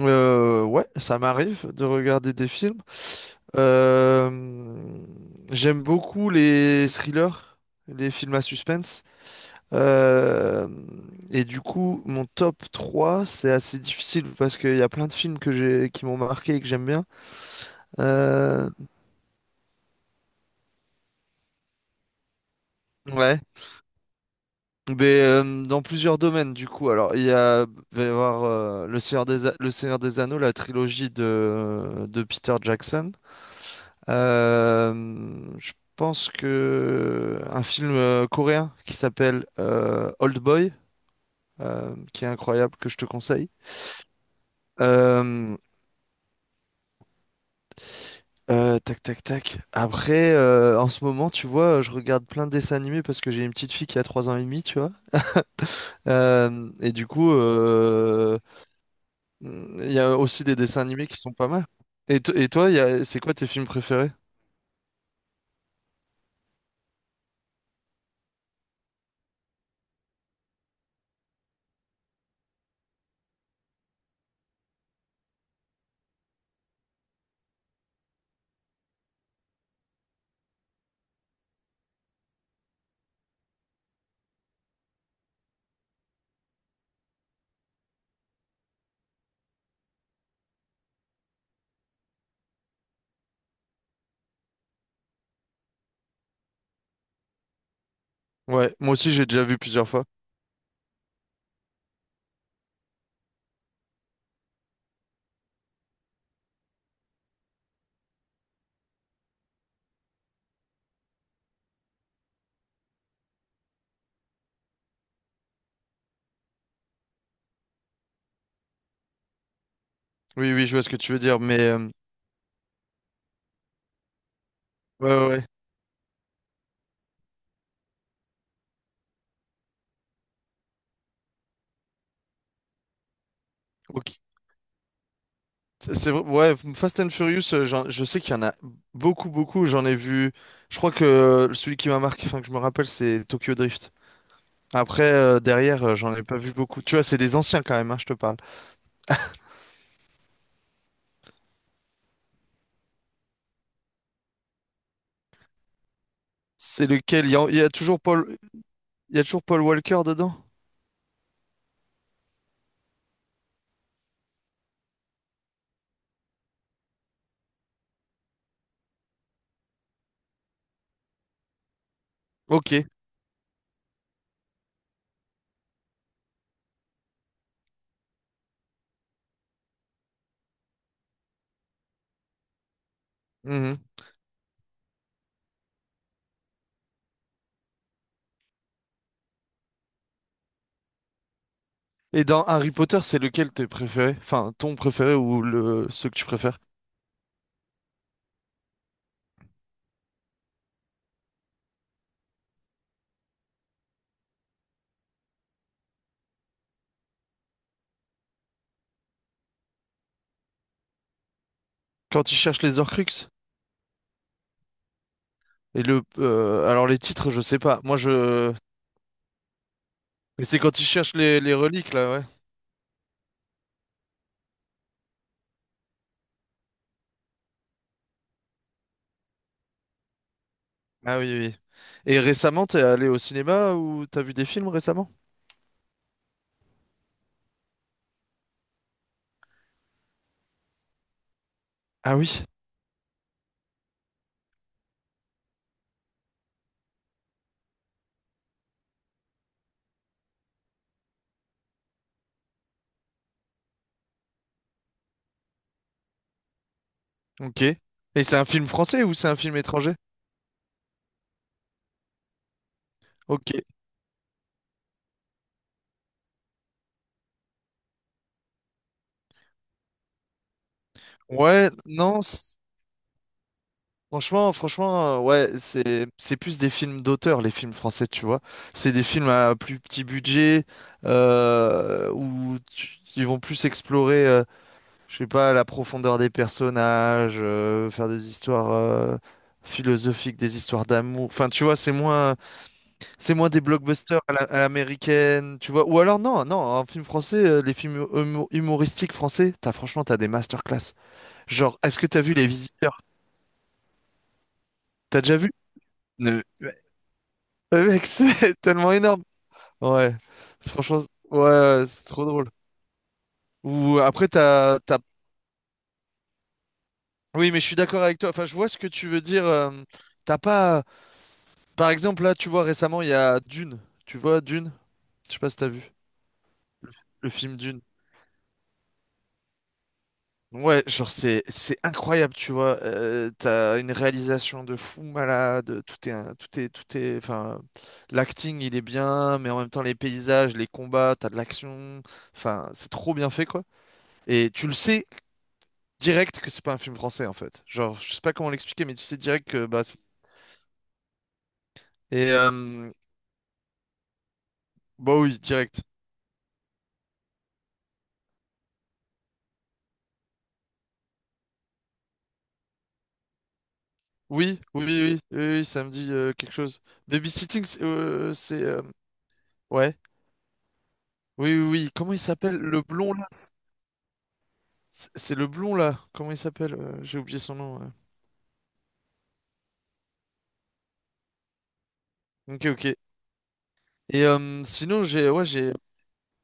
Ouais, ça m'arrive de regarder des films. Euh, J'aime beaucoup les thrillers, les films à suspense. Euh, et du coup, mon top 3, c'est assez difficile parce qu'il y a plein de films qui m'ont marqué et que j'aime bien. Euh, ouais. Mais dans plusieurs domaines, du coup. Alors, il va y avoir Le Seigneur des Anneaux, la trilogie de Peter Jackson. Euh, je pense que un film coréen qui s'appelle Old Boy, qui est incroyable, que je te conseille. Euh, Tac, tac, tac. Après, en ce moment, tu vois, je regarde plein de dessins animés parce que j'ai une petite fille qui a 3 ans et demi, tu vois. Et du coup, il y a aussi des dessins animés qui sont pas mal. Et toi, c'est quoi tes films préférés? Ouais, moi aussi, j'ai déjà vu plusieurs fois. Oui, oui, je vois ce que tu veux dire, mais, ouais, ouais, ouais. Ok. C'est ouais, Fast and Furious, je sais qu'il y en a beaucoup, beaucoup. J'en ai vu. Je crois que celui qui m'a marqué, enfin que je me rappelle, c'est Tokyo Drift. Après, derrière, j'en ai pas vu beaucoup. Tu vois, c'est des anciens quand même, hein, je te parle. C'est lequel? Il y a toujours Paul Walker dedans? Ok. Mhm. Et dans Harry Potter, c'est lequel t'es préféré? Enfin, ton préféré ou le ceux que tu préfères? Quand ils cherchent les Horcruxes? Alors les titres, je sais pas. Moi, je. Mais c'est quand ils cherchent les reliques là, ouais. Ah oui, oui. Et récemment, t'es allé au cinéma ou t'as vu des films récemment? Ah oui, ok. Et c'est un film français ou c'est un film étranger? Ok. Ouais, non, franchement, franchement, ouais, c'est plus des films d'auteur, les films français, tu vois. C'est des films à plus petit budget, ils vont plus explorer, je sais pas, la profondeur des personnages, faire des histoires philosophiques, des histoires d'amour. Enfin, tu vois, c'est moins. C'est moins des blockbusters à l'américaine, tu vois. Ou alors, non, non, un film français, les films humoristiques français, t'as, franchement, t'as des masterclass. Genre, est-ce que t'as vu Les Visiteurs? T'as déjà vu? Ouais. Mec, c'est tellement énorme. Ouais, franchement, ouais, ouais, c'est trop drôle. Ou après, t'as... Oui, mais je suis d'accord avec toi. Enfin, je vois ce que tu veux dire. T'as pas. Par exemple, là, tu vois, récemment, il y a Dune. Tu vois, Dune? Je sais pas si t'as vu. Le film Dune. Ouais, genre c'est incroyable, tu vois. T'as une réalisation de fou malade, tout est enfin l'acting, il est bien, mais en même temps les paysages, les combats, t'as de l'action. Enfin, c'est trop bien fait quoi. Et tu le sais direct que c'est pas un film français en fait. Genre, je sais pas comment l'expliquer, mais tu sais direct que bah et bah oui, direct. Oui, oui, oui, oui, oui, oui, ça me dit quelque chose. Babysitting, c'est, ouais. Oui, oui, oui. Comment il s'appelle le blond là? C'est le blond là, comment il s'appelle? J'ai oublié son nom. Ouais. Ok, ok. Et sinon, ouais,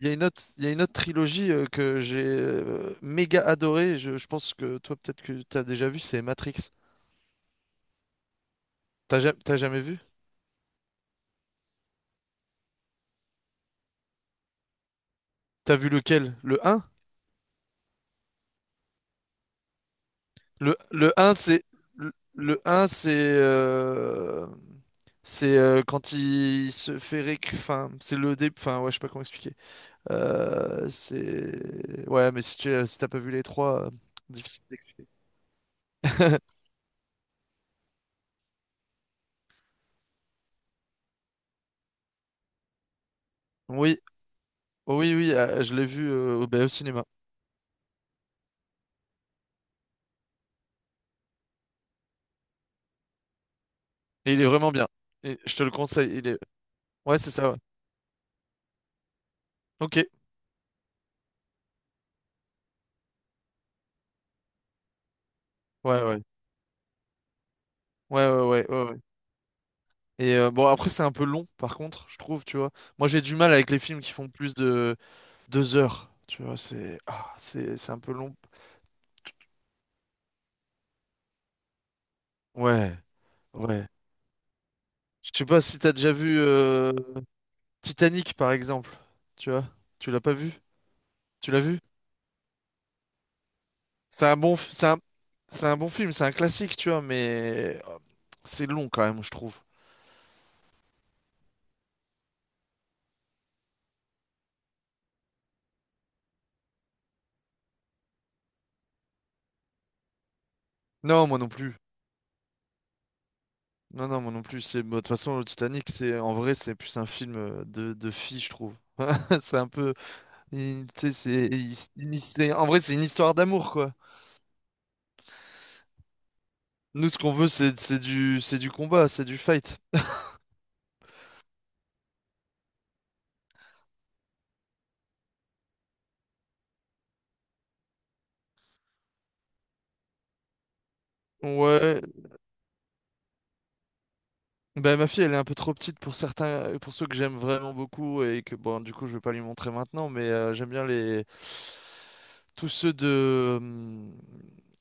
il y a une autre trilogie que j'ai méga adorée. Je pense que toi, peut-être que t'as déjà vu, c'est Matrix. T'as jamais vu? T'as vu lequel? Le un. Le un, c'est le 1. C'est quand il se fait réc... Enfin, c'est le début. Enfin, ouais, je sais pas comment expliquer. C'est, ouais, mais si t'as pas vu les trois, difficile d'expliquer. Oui, oui, oui, je l'ai vu au cinéma. Et il est vraiment bien. Et je te le conseille. Il est. Ouais, c'est ça. Ouais. Ok. Ouais, ouais. Ouais, ouais, ouais, ouais, ouais. Et bon, après, c'est un peu long, par contre, je trouve, tu vois. Moi, j'ai du mal avec les films qui font plus de 2 heures. Tu vois, c'est ah, c'est un peu long. Ouais, ouais. Je sais pas si t'as déjà vu Titanic, par exemple. Tu vois, tu l'as pas vu? Tu l'as vu? C'est un bon, f- c'est un, c'est un bon film, c'est un classique, tu vois, mais c'est long quand même, je trouve. Non, moi non plus. Non, non, moi non plus. C'est, bah, de toute façon, le Titanic, c'est, en vrai, c'est plus un film de filles, je trouve. C'est un peu, tu sais, c'est, en vrai, c'est une histoire d'amour, quoi. Nous, ce qu'on veut, c'est du combat, c'est du fight. Ouais, ben, ma fille, elle est un peu trop petite pour certains, pour ceux que j'aime vraiment beaucoup et que bon, du coup, je vais pas lui montrer maintenant, mais j'aime bien les tous ceux de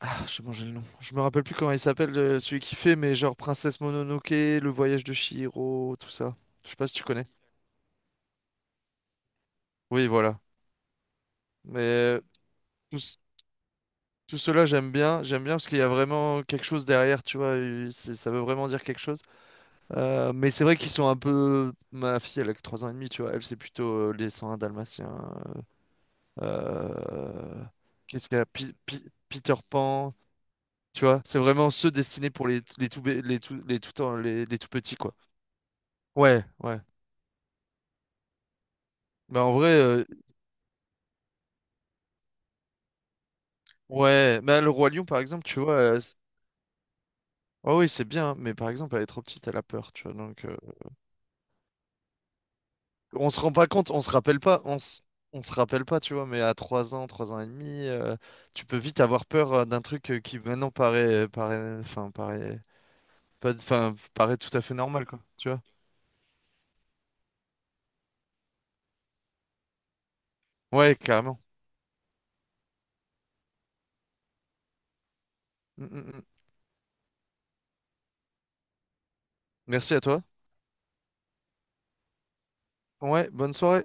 ah, j'ai mangé le nom. Je me rappelle plus comment il s'appelle celui qui fait, mais genre Princesse Mononoke, Le Voyage de Chihiro, tout ça. Je sais pas si tu connais. Oui, voilà. Mais tous tout cela, j'aime bien parce qu'il y a vraiment quelque chose derrière, tu vois. Ça veut vraiment dire quelque chose. Mais c'est vrai qu'ils sont un peu. Ma fille, elle a que 3 ans et demi, tu vois. Elle, c'est plutôt les 101 Dalmatiens. Euh, Qu'est-ce qu'il y a? Peter Pan, tu vois. C'est vraiment ceux destinés pour les tout petits, quoi. Ouais, ouais. Mais en vrai, ouais. Mais le Roi Lion, par exemple, tu vois. Oh oui, c'est bien, mais par exemple, elle est trop petite, elle a peur, tu vois. Donc. On se rend pas compte, on se rappelle pas, on se rappelle pas, tu vois, mais à 3 ans, 3 ans et demi, tu peux vite avoir peur d'un truc qui maintenant paraît, paraît, enfin, paraît, pas, enfin, paraît tout à fait normal, quoi, tu vois. Ouais, carrément. Mm, mm, mm. Merci à toi. Ouais, bonne soirée.